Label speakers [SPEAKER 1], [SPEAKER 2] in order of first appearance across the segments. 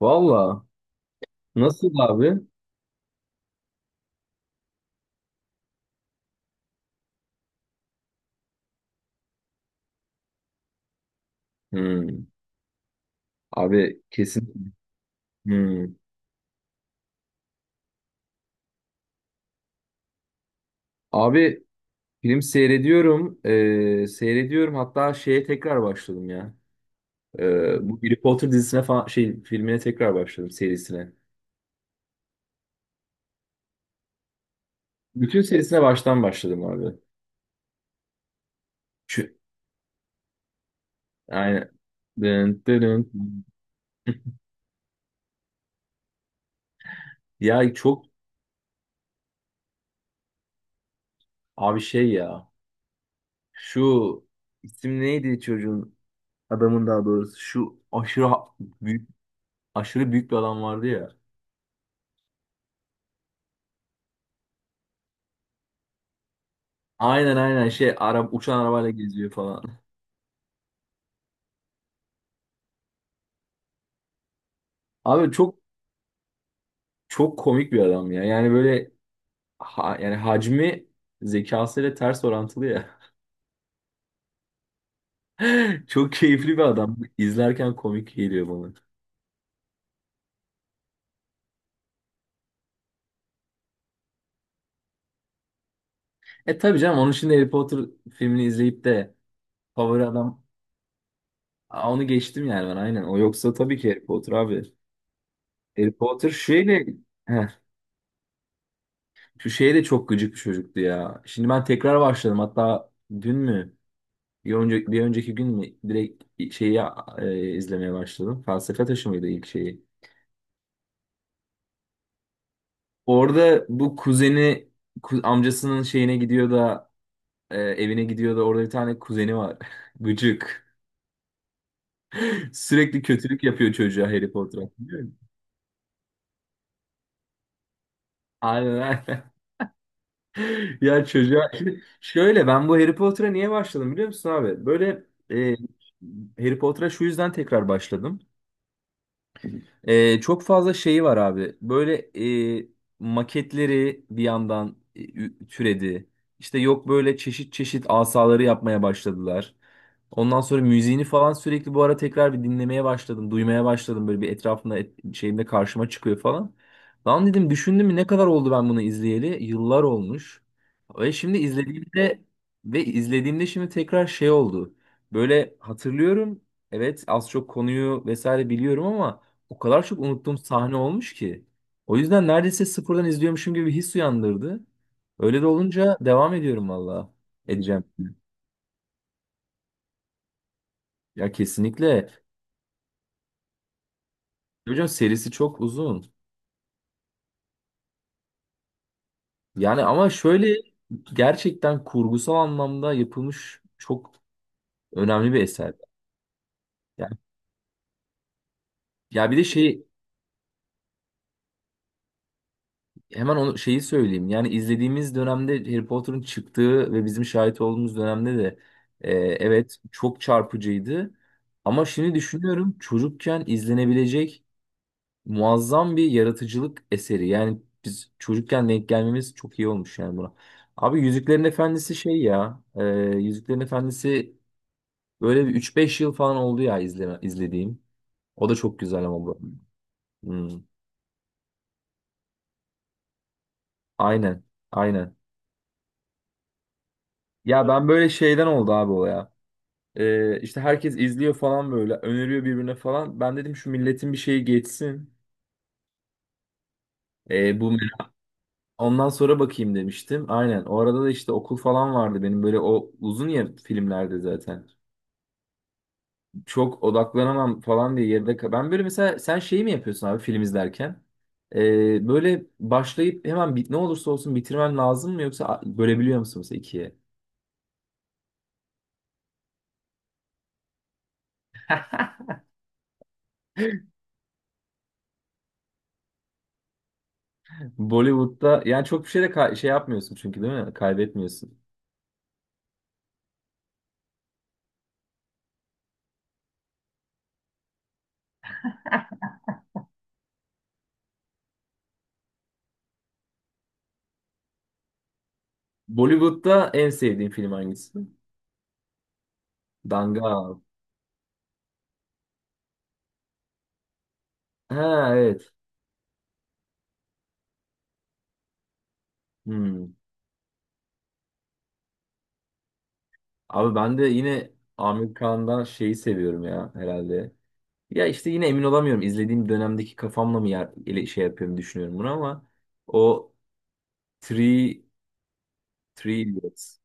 [SPEAKER 1] Valla. Nasıl abi? Hmm. Abi kesin. Hmm. Abi film seyrediyorum. Seyrediyorum. Hatta şeye tekrar başladım ya. Bu Harry Potter dizisine falan şey filmine tekrar başladım serisine. Bütün serisine baştan başladım abi. Şu, yani dın, dın, dın. Ya çok abi şey ya. Şu isim neydi çocuğun adamın daha doğrusu. Şu aşırı büyük aşırı büyük bir adam vardı ya. Aynen aynen şey ara, uçan arabayla geziyor falan. Abi çok çok komik bir adam ya. Yani böyle ha, yani hacmi zekasıyla ters orantılı ya. Çok keyifli bir adam. İzlerken komik geliyor bana. Tabii canım onun için de Harry Potter filmini izleyip de favori adam. Aa, onu geçtim yani ben aynen. O yoksa tabii ki Harry Potter abi. Harry Potter şeyle. Heh, şu şeye de çok gıcık bir çocuktu ya. Şimdi ben tekrar başladım. Hatta dün mü? Bir önceki gün mü direkt şeyi izlemeye başladım. Felsefe Taşı mıydı ilk şeyi? Orada bu kuzeni amcasının şeyine gidiyor da evine gidiyor da orada bir tane kuzeni var. Gıcık. Sürekli kötülük yapıyor çocuğa Harry Potter. Biliyor. Aynen aynen. Ya çocuğa şimdi şöyle ben bu Harry Potter'a niye başladım biliyor musun abi? Böyle e, Harry Potter'a şu yüzden tekrar başladım. Çok fazla şeyi var abi. Böyle e, maketleri bir yandan türedi. İşte yok böyle çeşit çeşit asaları yapmaya başladılar. Ondan sonra müziğini falan sürekli bu ara tekrar bir dinlemeye başladım, duymaya başladım. Böyle bir etrafında şeyimde karşıma çıkıyor falan. Lan dedim düşündüm mü ne kadar oldu ben bunu izleyeli? Yıllar olmuş. Ve şimdi izlediğimde ve izlediğimde şimdi tekrar şey oldu. Böyle hatırlıyorum. Evet az çok konuyu vesaire biliyorum ama o kadar çok unuttuğum sahne olmuş ki. O yüzden neredeyse sıfırdan izliyormuşum gibi bir his uyandırdı. Öyle de olunca devam ediyorum valla. Edeceğim. Ya kesinlikle. Hocam serisi çok uzun. Yani ama şöyle gerçekten kurgusal anlamda yapılmış çok önemli bir eser. Yani, ya bir de şey. Hemen onu şeyi söyleyeyim. Yani izlediğimiz dönemde Harry Potter'ın çıktığı ve bizim şahit olduğumuz dönemde de evet çok çarpıcıydı. Ama şimdi düşünüyorum çocukken izlenebilecek muazzam bir yaratıcılık eseri. Yani biz çocukken denk gelmemiz çok iyi olmuş yani buna. Abi Yüzüklerin Efendisi şey ya. Yüzüklerin Efendisi böyle bir 3-5 yıl falan oldu ya izleme, izlediğim. O da çok güzel ama bu. Hmm. Aynen. Aynen. Ya ben böyle şeyden oldu abi o ya. İşte herkes izliyor falan böyle öneriyor birbirine falan. Ben dedim şu milletin bir şeyi geçsin. Ee, bu merak- ondan sonra bakayım demiştim. Aynen. O arada da işte okul falan vardı benim böyle o uzun ya filmlerde zaten. Çok odaklanamam falan diye ben böyle mesela sen şeyi mi yapıyorsun abi film izlerken? Böyle başlayıp hemen bit ne olursa olsun bitirmen lazım mı yoksa bölebiliyor musun mesela ikiye? Bollywood'da yani çok bir şey de şey yapmıyorsun çünkü değil mi? Kaybetmiyorsun. Bollywood'da en sevdiğin film hangisi? Dangal. Ha, evet. Hmm. Abi ben de yine Amir Kağan'dan şeyi seviyorum ya herhalde. Ya işte yine emin olamıyorum. İzlediğim dönemdeki kafamla mı şey yapıyorum düşünüyorum bunu ama o Three, Three Idiots.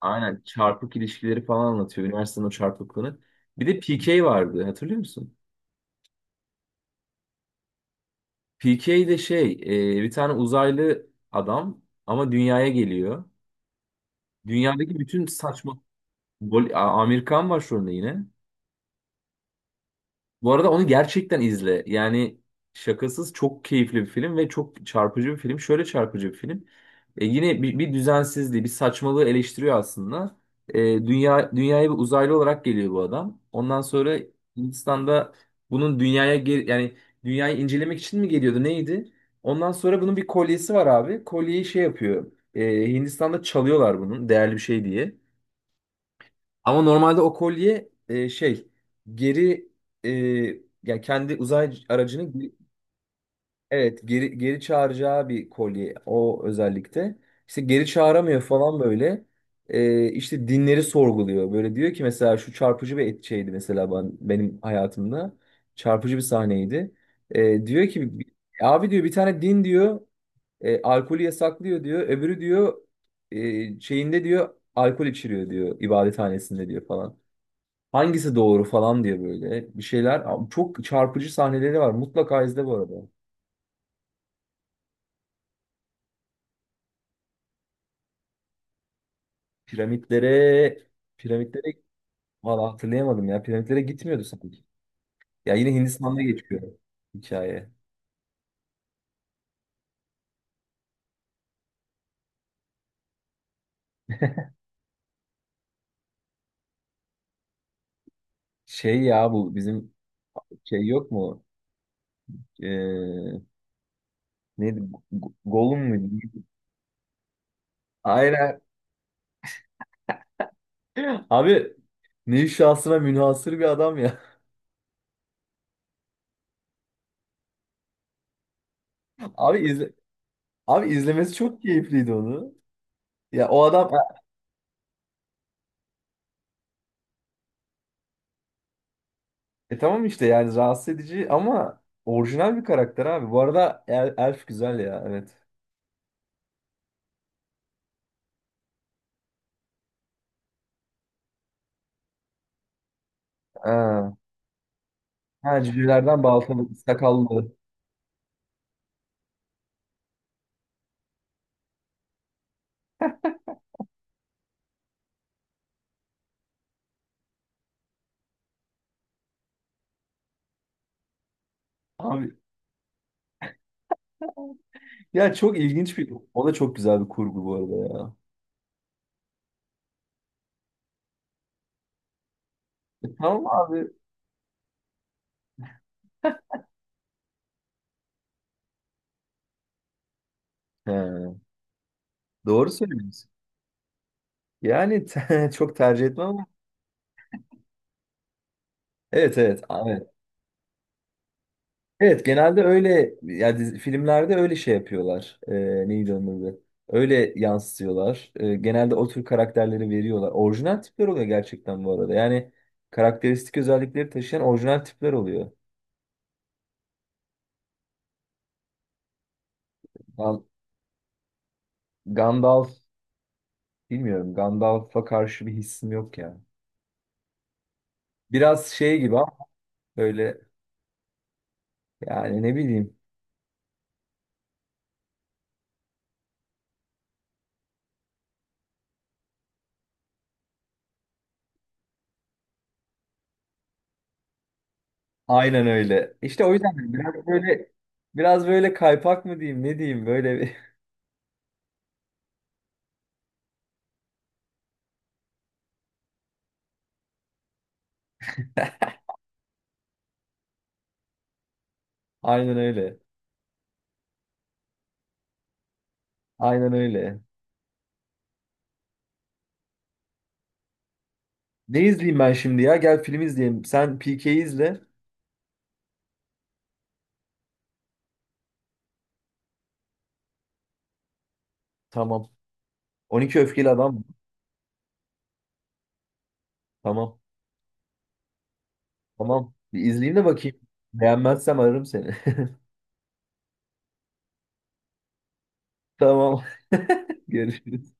[SPEAKER 1] Aynen çarpık ilişkileri falan anlatıyor. Üniversitenin o çarpıklığını. Bir de PK vardı hatırlıyor musun? PK de şey bir tane uzaylı adam ama dünyaya geliyor. Dünyadaki bütün saçma. Amerikan var şu anda yine. Bu arada onu gerçekten izle. Yani şakasız çok keyifli bir film ve çok çarpıcı bir film. Şöyle çarpıcı bir film. Yine bir düzensizliği, bir saçmalığı eleştiriyor aslında. E, dünyaya bir uzaylı olarak geliyor bu adam. Ondan sonra Hindistan'da bunun yani dünyayı incelemek için mi geliyordu neydi? Ondan sonra bunun bir kolyesi var abi. Kolyeyi şey yapıyor. Hindistan'da çalıyorlar bunun değerli bir şey diye. Ama normalde o kolye geri e, yani kendi uzay aracını evet geri geri çağıracağı bir kolye o özellikle. İşte geri çağıramıyor falan böyle. E, işte dinleri sorguluyor. Böyle diyor ki mesela şu çarpıcı bir şeydi mesela benim hayatımda. Çarpıcı bir sahneydi. Diyor ki abi diyor bir tane din diyor alkolü yasaklıyor diyor. Öbürü diyor şeyinde diyor alkol içiriyor diyor ibadethanesinde diyor falan. Hangisi doğru falan diye böyle bir şeyler. Abi çok çarpıcı sahneleri var. Mutlaka izle bu arada. Piramitlere, piramitlere valla hatırlayamadım ya. Piramitlere gitmiyordu sanki. Ya yine Hindistan'da geçiyor hikaye. Şey ya bu bizim şey yok mu? Ee, neydi? Gollum muydu? Aynen. Abi ne şahsına münhasır bir adam ya. Abi izle, abi izlemesi çok keyifliydi onu. Ya o adam. Tamam işte yani rahatsız edici ama orijinal bir karakter abi. Bu arada Elf güzel ya evet. Ha, ha, cücelerden baltalı, sakallı. Abi ya çok ilginç bir o da çok güzel bir kurgu bu arada ya. Tamam abi. He, doğru söylüyorsun. Yani çok tercih etmem ama evet, evet. Evet genelde öyle yani filmlerde öyle şey yapıyorlar. Neydi onun adı? Öyle yansıtıyorlar. Genelde o tür karakterleri veriyorlar. Orijinal tipler oluyor gerçekten bu arada. Yani karakteristik özellikleri taşıyan orijinal tipler oluyor. Gan- Gandalf bilmiyorum. Gandalf'a karşı bir hissim yok ya. Biraz şey gibi ama böyle yani ne bileyim. Aynen öyle. İşte o yüzden biraz böyle kaypak mı diyeyim ne diyeyim böyle bir-. Aynen öyle. Aynen öyle. Ne izleyeyim ben şimdi ya? Gel film izleyelim. Sen PK'yi izle. Tamam. 12 Öfkeli Adam mı? Tamam. Tamam. Bir izleyeyim de bakayım. Beğenmezsem ararım seni. Tamam. Görüşürüz.